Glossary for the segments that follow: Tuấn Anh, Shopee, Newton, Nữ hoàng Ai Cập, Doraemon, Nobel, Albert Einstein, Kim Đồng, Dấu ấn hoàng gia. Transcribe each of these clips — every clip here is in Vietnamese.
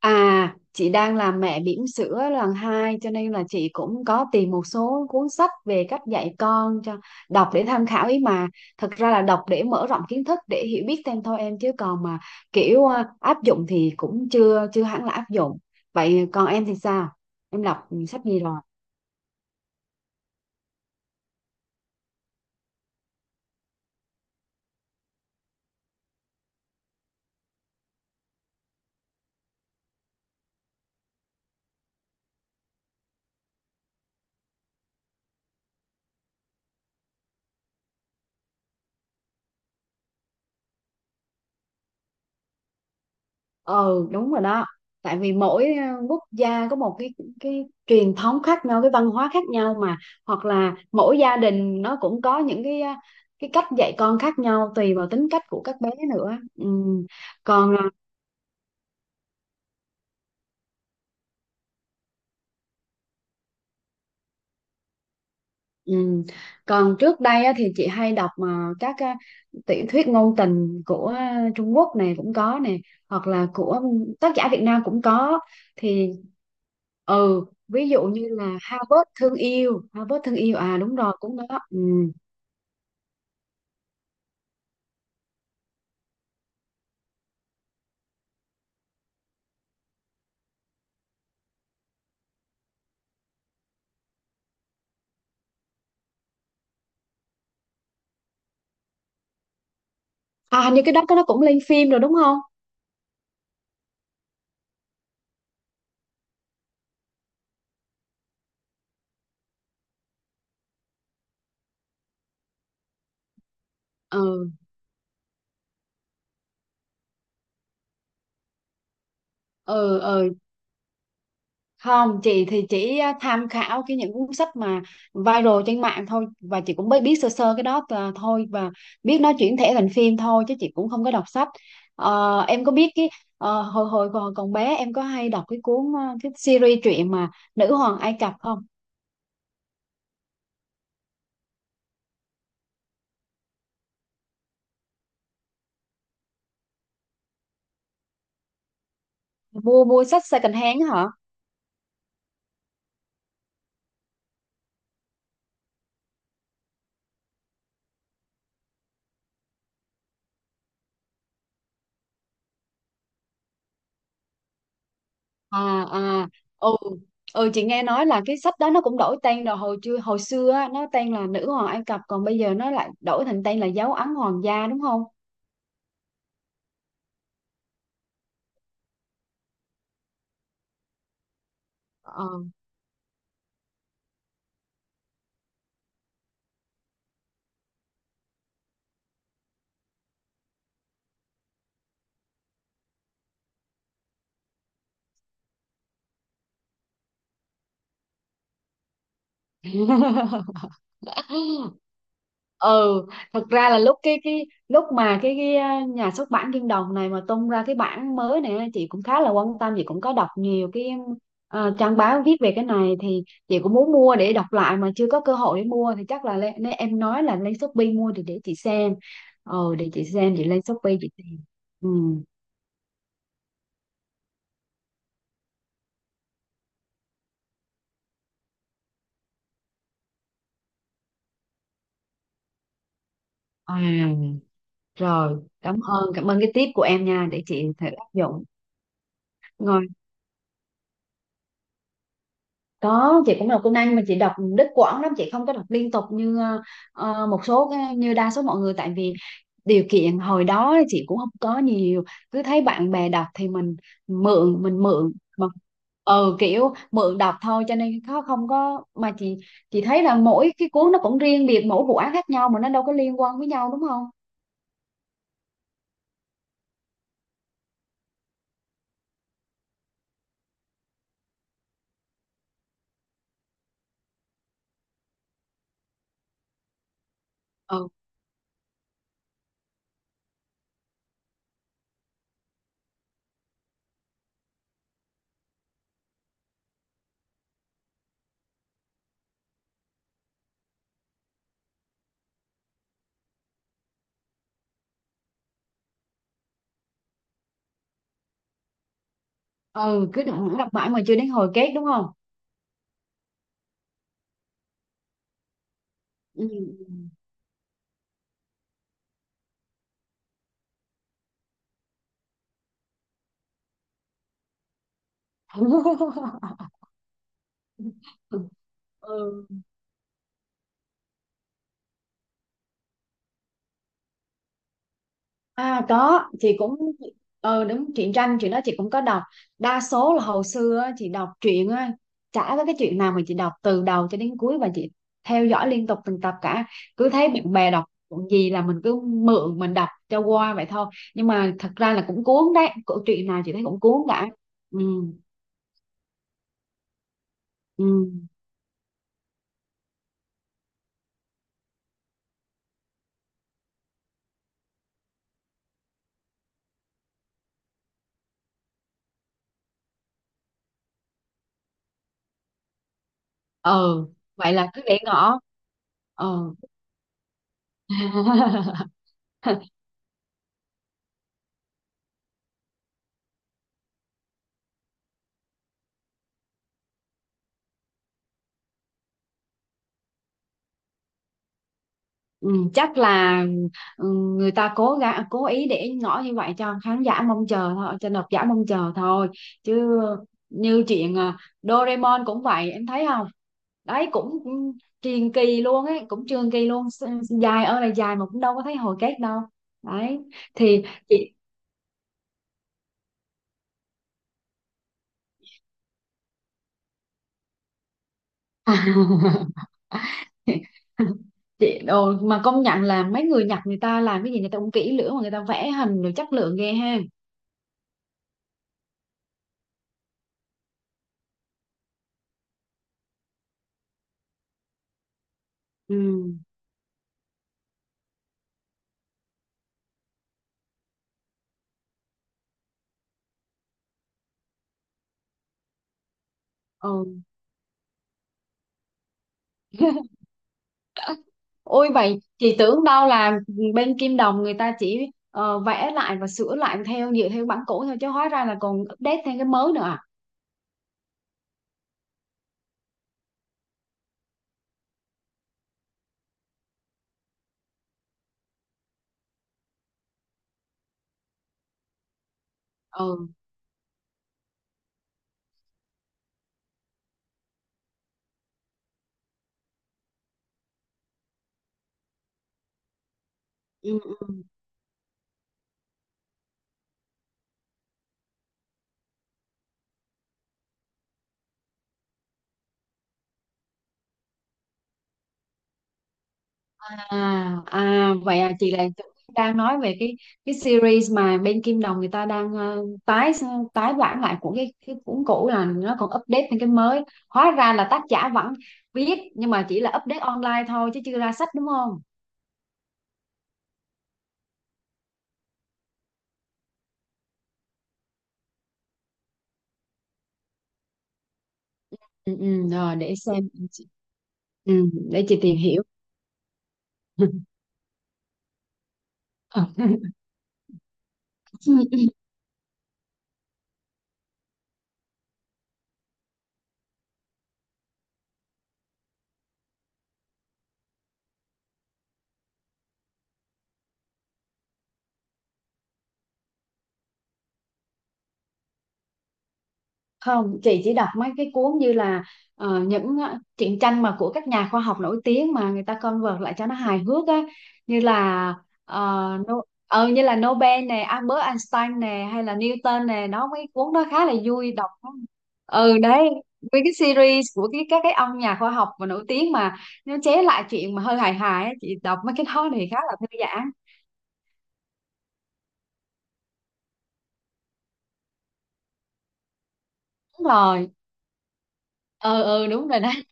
À, chị đang làm mẹ bỉm sữa lần 2 cho nên là chị cũng có tìm một số cuốn sách về cách dạy con cho đọc để tham khảo ý mà. Thật ra là đọc để mở rộng kiến thức để hiểu biết thêm thôi em, chứ còn mà kiểu áp dụng thì cũng chưa chưa hẳn là áp dụng. Vậy còn em thì sao? Em đọc sách gì rồi? Ừ, đúng rồi đó, tại vì mỗi quốc gia có một cái truyền thống khác nhau, cái văn hóa khác nhau mà, hoặc là mỗi gia đình nó cũng có những cái cách dạy con khác nhau, tùy vào tính cách của các bé nữa. Ừ. còn ờ, Ừ. Còn trước đây á, thì chị hay đọc mà tiểu thuyết ngôn tình của Trung Quốc này cũng có nè, hoặc là của tác giả Việt Nam cũng có. Thì ừ, ví dụ như là Harvard thương yêu. Harvard thương yêu, đúng rồi, cũng đó. Ừ. À, hình như cái đó nó cũng lên phim rồi đúng không? Ừ, ừ. Ừ, không, chị thì chỉ tham khảo những cuốn sách mà viral trên mạng thôi, và chị cũng mới biết sơ sơ cái đó thôi, và biết nó chuyển thể thành phim thôi chứ chị cũng không có đọc sách. Ờ, em có biết hồi hồi còn còn bé em có hay đọc cái cuốn cái series truyện mà Nữ hoàng Ai Cập không? Mua mua sách second hand á hả? À, à. Ừ, ừ, chị nghe nói là cái sách đó nó cũng đổi tên rồi. Hồi chưa hồi xưa á, nó tên là Nữ hoàng Ai Cập, còn bây giờ nó lại đổi thành tên là Dấu ấn hoàng gia đúng không? Ờ. Ừ, thật ra là lúc cái lúc mà nhà xuất bản Kim Đồng này mà tung ra cái bản mới này, chị cũng khá là quan tâm. Chị cũng có đọc nhiều trang báo viết về cái này, thì chị cũng muốn mua để đọc lại mà chưa có cơ hội để mua, thì chắc là nên em nói là lên Shopee mua thì để chị xem. Ừ, để chị xem, chị lên Shopee chị tìm. Ừ. à, Rồi, cảm ơn, cảm ơn cái tip của em nha, để chị thử áp dụng. Có, chị cũng đọc Tuấn Anh mà chị đọc đứt quãng lắm, chị không có đọc liên tục như một số như đa số mọi người, tại vì điều kiện hồi đó chị cũng không có nhiều. Cứ thấy bạn bè đọc thì mình mượn, mình mượn mà. Ừ, kiểu mượn đọc thôi, cho nên nó không có mà chị thấy là mỗi cái cuốn nó cũng riêng biệt, mỗi vụ án khác nhau mà nó đâu có liên quan với nhau đúng không? Ừ, ừ, cứ đọc, đọc mãi mà chưa đến hồi kết đúng không? Ừ. Ừ. À có, chị cũng, ờ đúng, truyện tranh, chuyện đó chị cũng có đọc. Đa số là hồi xưa á, chị đọc truyện á, chả có cái chuyện nào mà chị đọc từ đầu cho đến cuối và chị theo dõi liên tục từng tập cả. Cứ thấy bạn bè đọc chuyện gì là mình cứ mượn, mình đọc cho qua vậy thôi. Nhưng mà thật ra là cũng cuốn đấy, câu chuyện nào chị thấy cũng cuốn cả. Ừ. Ừ. Ừ, vậy là cứ để ngỏ. Ờ. Ừ, chắc là ừ, người ta cố gắng cố ý để ngỏ như vậy cho khán giả mong chờ thôi, cho độc giả mong chờ thôi, chứ như chuyện Doraemon cũng vậy em thấy không? Đấy cũng cũng truyền kỳ luôn ấy, cũng truyền kỳ luôn. Dài ơi là dài mà cũng đâu có thấy hồi kết đâu. Đấy thì chị chị đồ mà công nhận là mấy người Nhật người ta làm cái gì người ta cũng kỹ lưỡng, mà người ta vẽ hình rồi chất lượng ghê ha. Ừ. Ừ. Ôi, vậy chị tưởng đâu là bên Kim Đồng người ta chỉ vẽ lại và sửa lại theo, dựa theo bản cũ thôi, chứ hóa ra là còn update thêm cái mới nữa à? Ừ. Ừ. Ừ. À, à, vậy à, chị là đang nói về cái series mà bên Kim Đồng người ta đang tái, tái bản lại của cái cuốn cũ là nó còn update thêm cái mới. Hóa ra là tác giả vẫn viết nhưng mà chỉ là update online thôi chứ chưa ra sách đúng không? Ừ, ừ, rồi để xem. Ừ, để chị tìm hiểu. Ừ, ừ. Không, chị chỉ đọc mấy cái cuốn như là truyện tranh mà của các nhà khoa học nổi tiếng mà người ta convert lại cho nó hài hước á, như là ờ, no, ờ, như là Nobel nè, Albert Einstein nè, hay là Newton nè. Nó mấy cuốn đó khá là vui đọc. Ừ, đấy, với cái series của các cái ông nhà khoa học mà nổi tiếng mà nó chế lại chuyện mà hơi hài hài á, chị đọc mấy cái đó thì khá là thư giãn. Đúng rồi. Ừ, ừ, đúng rồi đấy.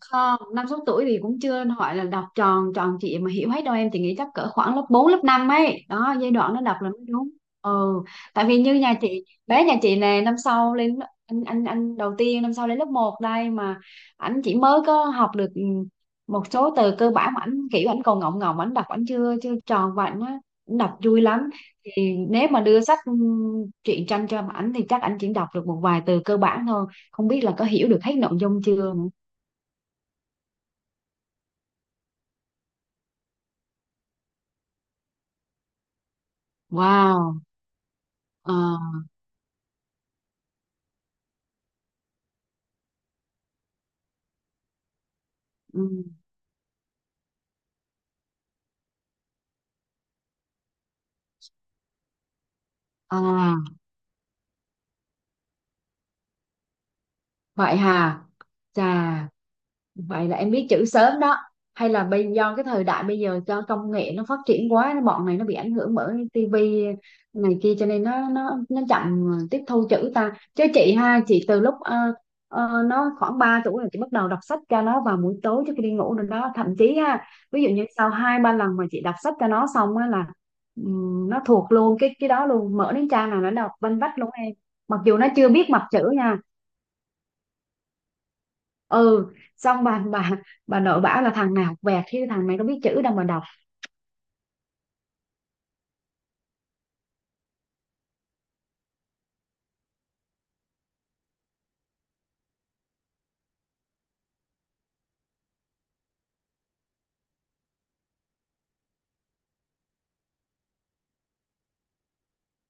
Không, năm sáu tuổi thì cũng chưa gọi là đọc tròn tròn trịa mà hiểu hết đâu em. Chỉ nghĩ chắc cỡ khoảng lớp bốn, lớp 5 ấy đó, giai đoạn nó đọc là mới đúng. Ừ, tại vì như nhà chị, bé nhà chị nè, năm sau lên, anh đầu tiên năm sau lên lớp một đây mà ảnh chỉ mới có học được một số từ cơ bản, mà ảnh kiểu ảnh còn ngọng ngọng, ảnh đọc ảnh chưa chưa tròn, và ảnh đọc vui lắm. Thì nếu mà đưa sách truyện tranh cho ảnh thì chắc ảnh chỉ đọc được một vài từ cơ bản thôi, không biết là có hiểu được hết nội dung chưa nữa. Wow. Ờ, ừ. À, vậy hà. Chà, vậy là em biết chữ sớm đó. Hay là do cái thời đại bây giờ cho công nghệ nó phát triển quá, bọn này nó bị ảnh hưởng bởi tivi này kia cho nên nó chậm tiếp thu chữ ta. Chứ chị ha, chị từ lúc nó khoảng 3 tuổi là chị bắt đầu đọc sách cho nó vào buổi tối trước khi đi ngủ rồi đó. Thậm chí ha, ví dụ như sau hai ba lần mà chị đọc sách cho nó xong á là nó thuộc luôn cái đó luôn, mở đến trang nào nó đọc vanh vách luôn em. Mặc dù nó chưa biết mặt chữ nha. Ừ, xong bà nội bảo là thằng nào học vẹt chứ thằng này nó biết chữ đâu mà đọc.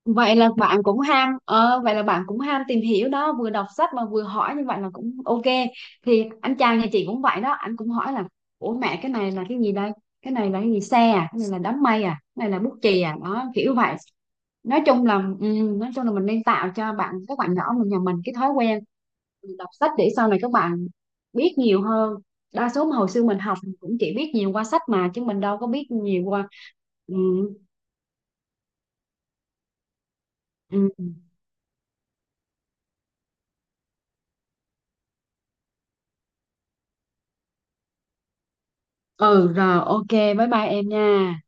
Vậy là bạn cũng vậy là bạn cũng ham tìm hiểu đó, vừa đọc sách mà vừa hỏi như vậy là cũng ok. Thì anh chàng nhà chị cũng vậy đó, anh cũng hỏi là ủa mẹ cái này là cái gì đây, cái này là cái gì, xe à, cái này là đám mây à, cái này là bút chì à, đó kiểu vậy. Nói chung là ừ, nói chung là mình nên tạo cho các bạn nhỏ mình, nhà mình cái thói quen đọc sách để sau này các bạn biết nhiều hơn. Đa số mà hồi xưa mình học cũng chỉ biết nhiều qua sách mà, chứ mình đâu có biết nhiều qua ừ, ừ. ừ. Rồi ok, bye bye em nha.